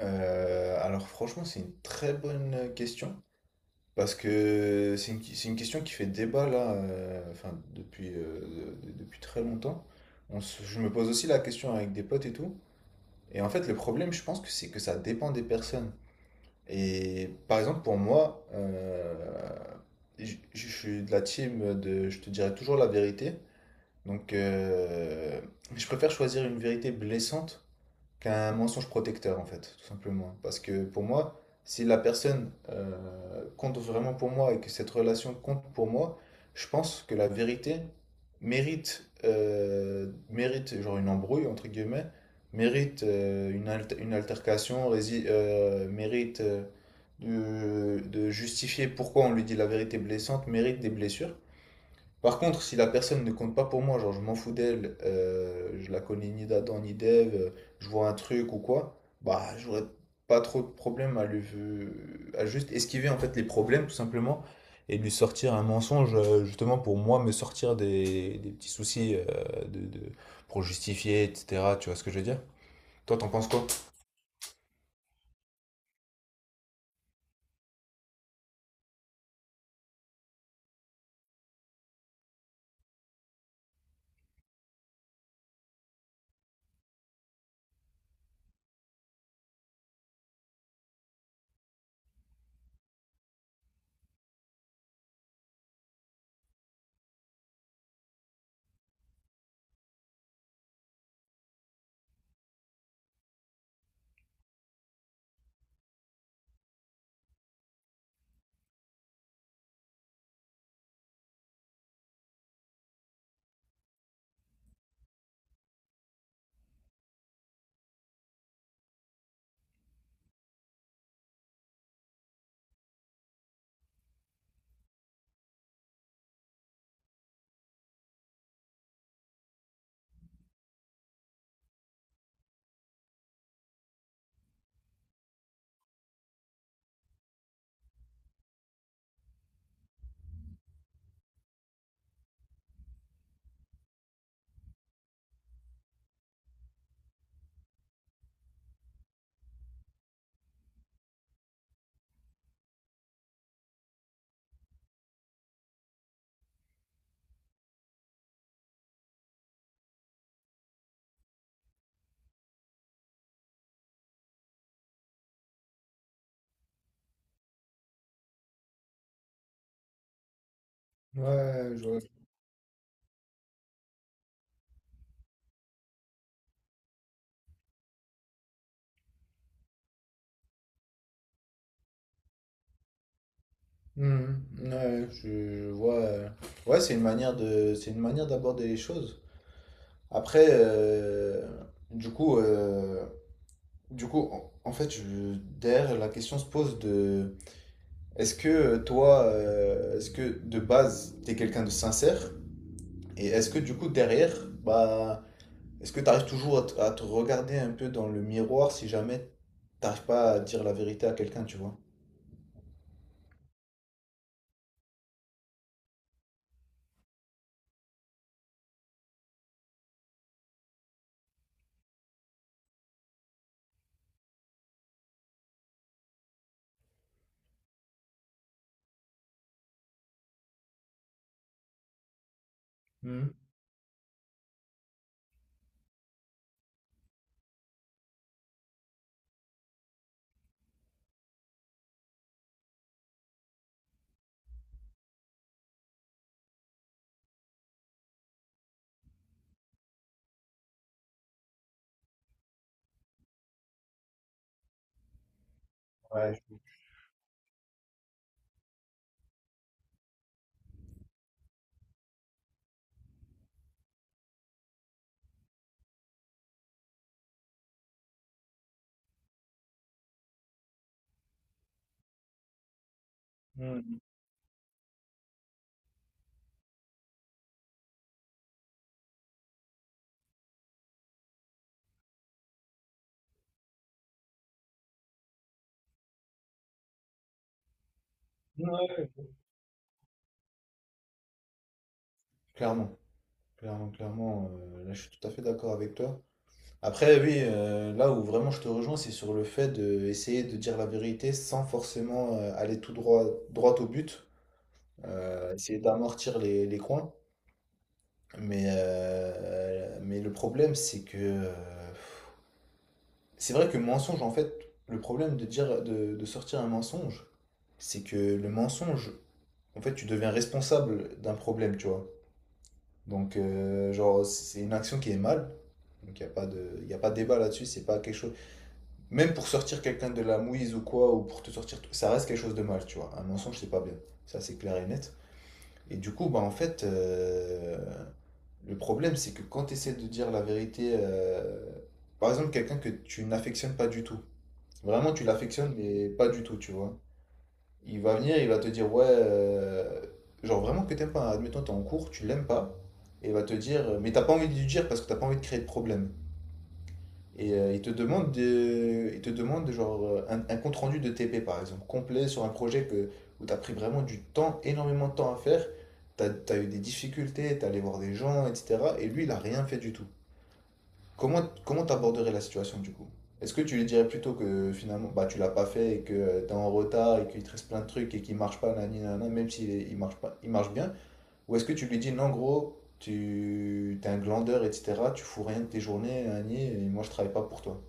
Alors franchement, c'est une très bonne question parce que c'est une question qui fait débat là, enfin depuis très longtemps. Je me pose aussi la question avec des potes et tout. Et en fait, le problème, je pense que c'est que ça dépend des personnes. Et par exemple, pour moi, je suis de la team de, je te dirai toujours la vérité. Donc, je préfère choisir une vérité blessante qu'un mensonge protecteur, en fait, tout simplement. Parce que pour moi, si la personne compte vraiment pour moi et que cette relation compte pour moi, je pense que la vérité mérite genre une embrouille, entre guillemets, mérite une altercation, mérite de justifier pourquoi on lui dit la vérité blessante, mérite des blessures. Par contre, si la personne ne compte pas pour moi, genre je m'en fous d'elle, je la connais ni d'Adam ni d'Ève, je vois un truc ou quoi, bah j'aurais pas trop de problème à lui à juste esquiver en fait les problèmes tout simplement et lui sortir un mensonge justement pour moi me sortir des petits soucis pour justifier etc. Tu vois ce que je veux dire? Toi t'en penses quoi? Ouais, je vois. Mhm. Ouais, je vois. Ouais, c'est une manière d'aborder les choses. Après, du coup, euh, du coup, en fait, derrière, la question se pose de est-ce que toi, est-ce que de base, t'es quelqu'un de sincère? Et est-ce que du coup, derrière, bah, est-ce que t'arrives toujours à te regarder un peu dans le miroir si jamais t'arrives pas à dire la vérité à quelqu'un, tu vois? Mhm. Ouais. Mhm. Ouais. Clairement, clairement, clairement, là, je suis tout à fait d'accord avec toi. Après, oui, là où vraiment je te rejoins, c'est sur le fait d'essayer de dire la vérité sans forcément aller tout droit, droit au but, essayer d'amortir les coins. Mais, le problème, c'est que c'est vrai que mensonge, en fait, le problème de sortir un mensonge, c'est que le mensonge, en fait, tu deviens responsable d'un problème, tu vois. Donc, genre, c'est une action qui est mal. Donc, il n'y a pas de, y a pas de débat là-dessus, c'est pas quelque chose. Même pour sortir quelqu'un de la mouise ou quoi, ou pour te sortir, ça reste quelque chose de mal, tu vois. Un mensonge, c'est pas bien. Ça, c'est clair et net. Et du coup, bah, en fait, le problème, c'est que quand tu essaies de dire la vérité, par exemple, quelqu'un que tu n'affectionnes pas du tout, vraiment, tu l'affectionnes, mais pas du tout, tu vois. Il va venir, il va te dire, ouais, genre vraiment que t'aimes pas, hein. Admettons, t'es en cours, tu l'aimes pas, et il va te dire, mais t'as pas envie de lui dire parce que t'as pas envie de créer de problème. Et il te demande genre, un compte-rendu de TP, par exemple, complet sur un projet où tu as pris vraiment du temps, énormément de temps à faire. Tu as eu des difficultés, tu es allé voir des gens, etc. Et lui, il n'a rien fait du tout. Comment t'aborderais la situation du coup? Est-ce que tu lui dirais plutôt que finalement bah, tu l'as pas fait et que tu es en retard et qu'il te reste plein de trucs et qu'il marche pas, nani, nana, même il marche pas, il marche bien? Ou est-ce que tu lui dis non, gros, tu t'es un glandeur, etc. Tu fous rien de tes journées, nani, et moi je travaille pas pour toi?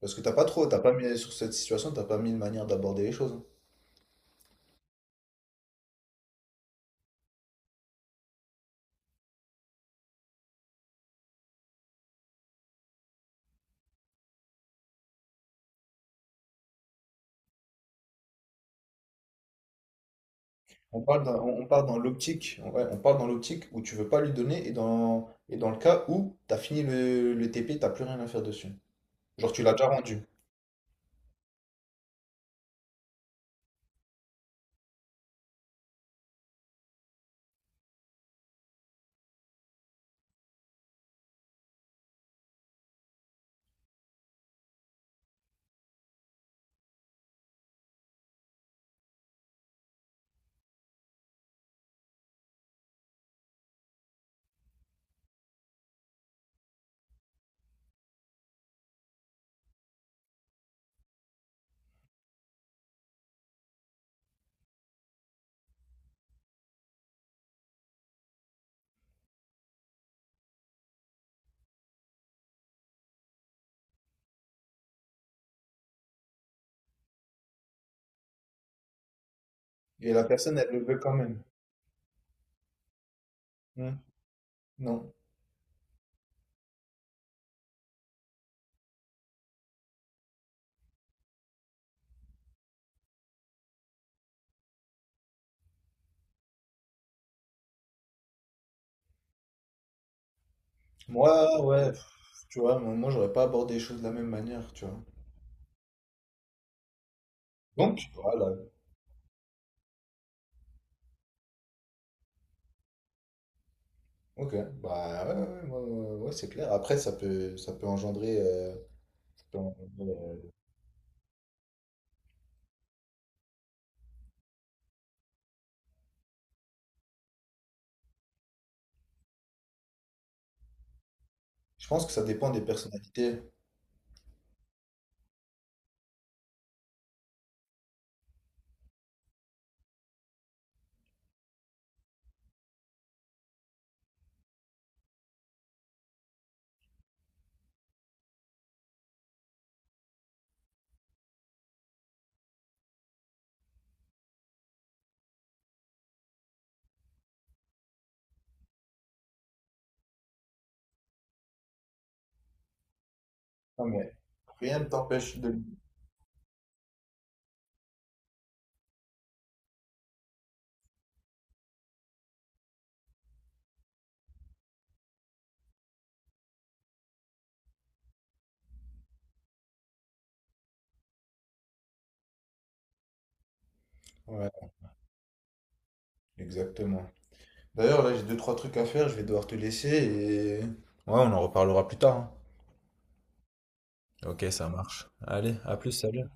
Parce que t'as pas mis sur cette situation, t'as pas mis une manière d'aborder les choses. On part dans l'optique, ouais, on part dans l'optique où tu veux pas lui donner et dans le cas où t'as fini le TP, t'as plus rien à faire dessus. Genre tu l'as déjà rendu. Et la personne, elle le veut quand même. Hmm. Non. Moi, ouais, tu vois, moi, j'aurais pas abordé les choses de la même manière, tu vois. Donc, voilà. Ok. Bah ouais, ouais, ouais, ouais, ouais, c'est clair. Après, ça peut engendrer. Ça peut engendrer, euh, je pense que ça dépend des personnalités. Non, mais rien ne t'empêche de. Ouais, exactement. D'ailleurs, là, j'ai deux, trois trucs à faire, je vais devoir te laisser Ouais, on en reparlera plus tard, hein. Ok, ça marche. Allez, à plus, salut.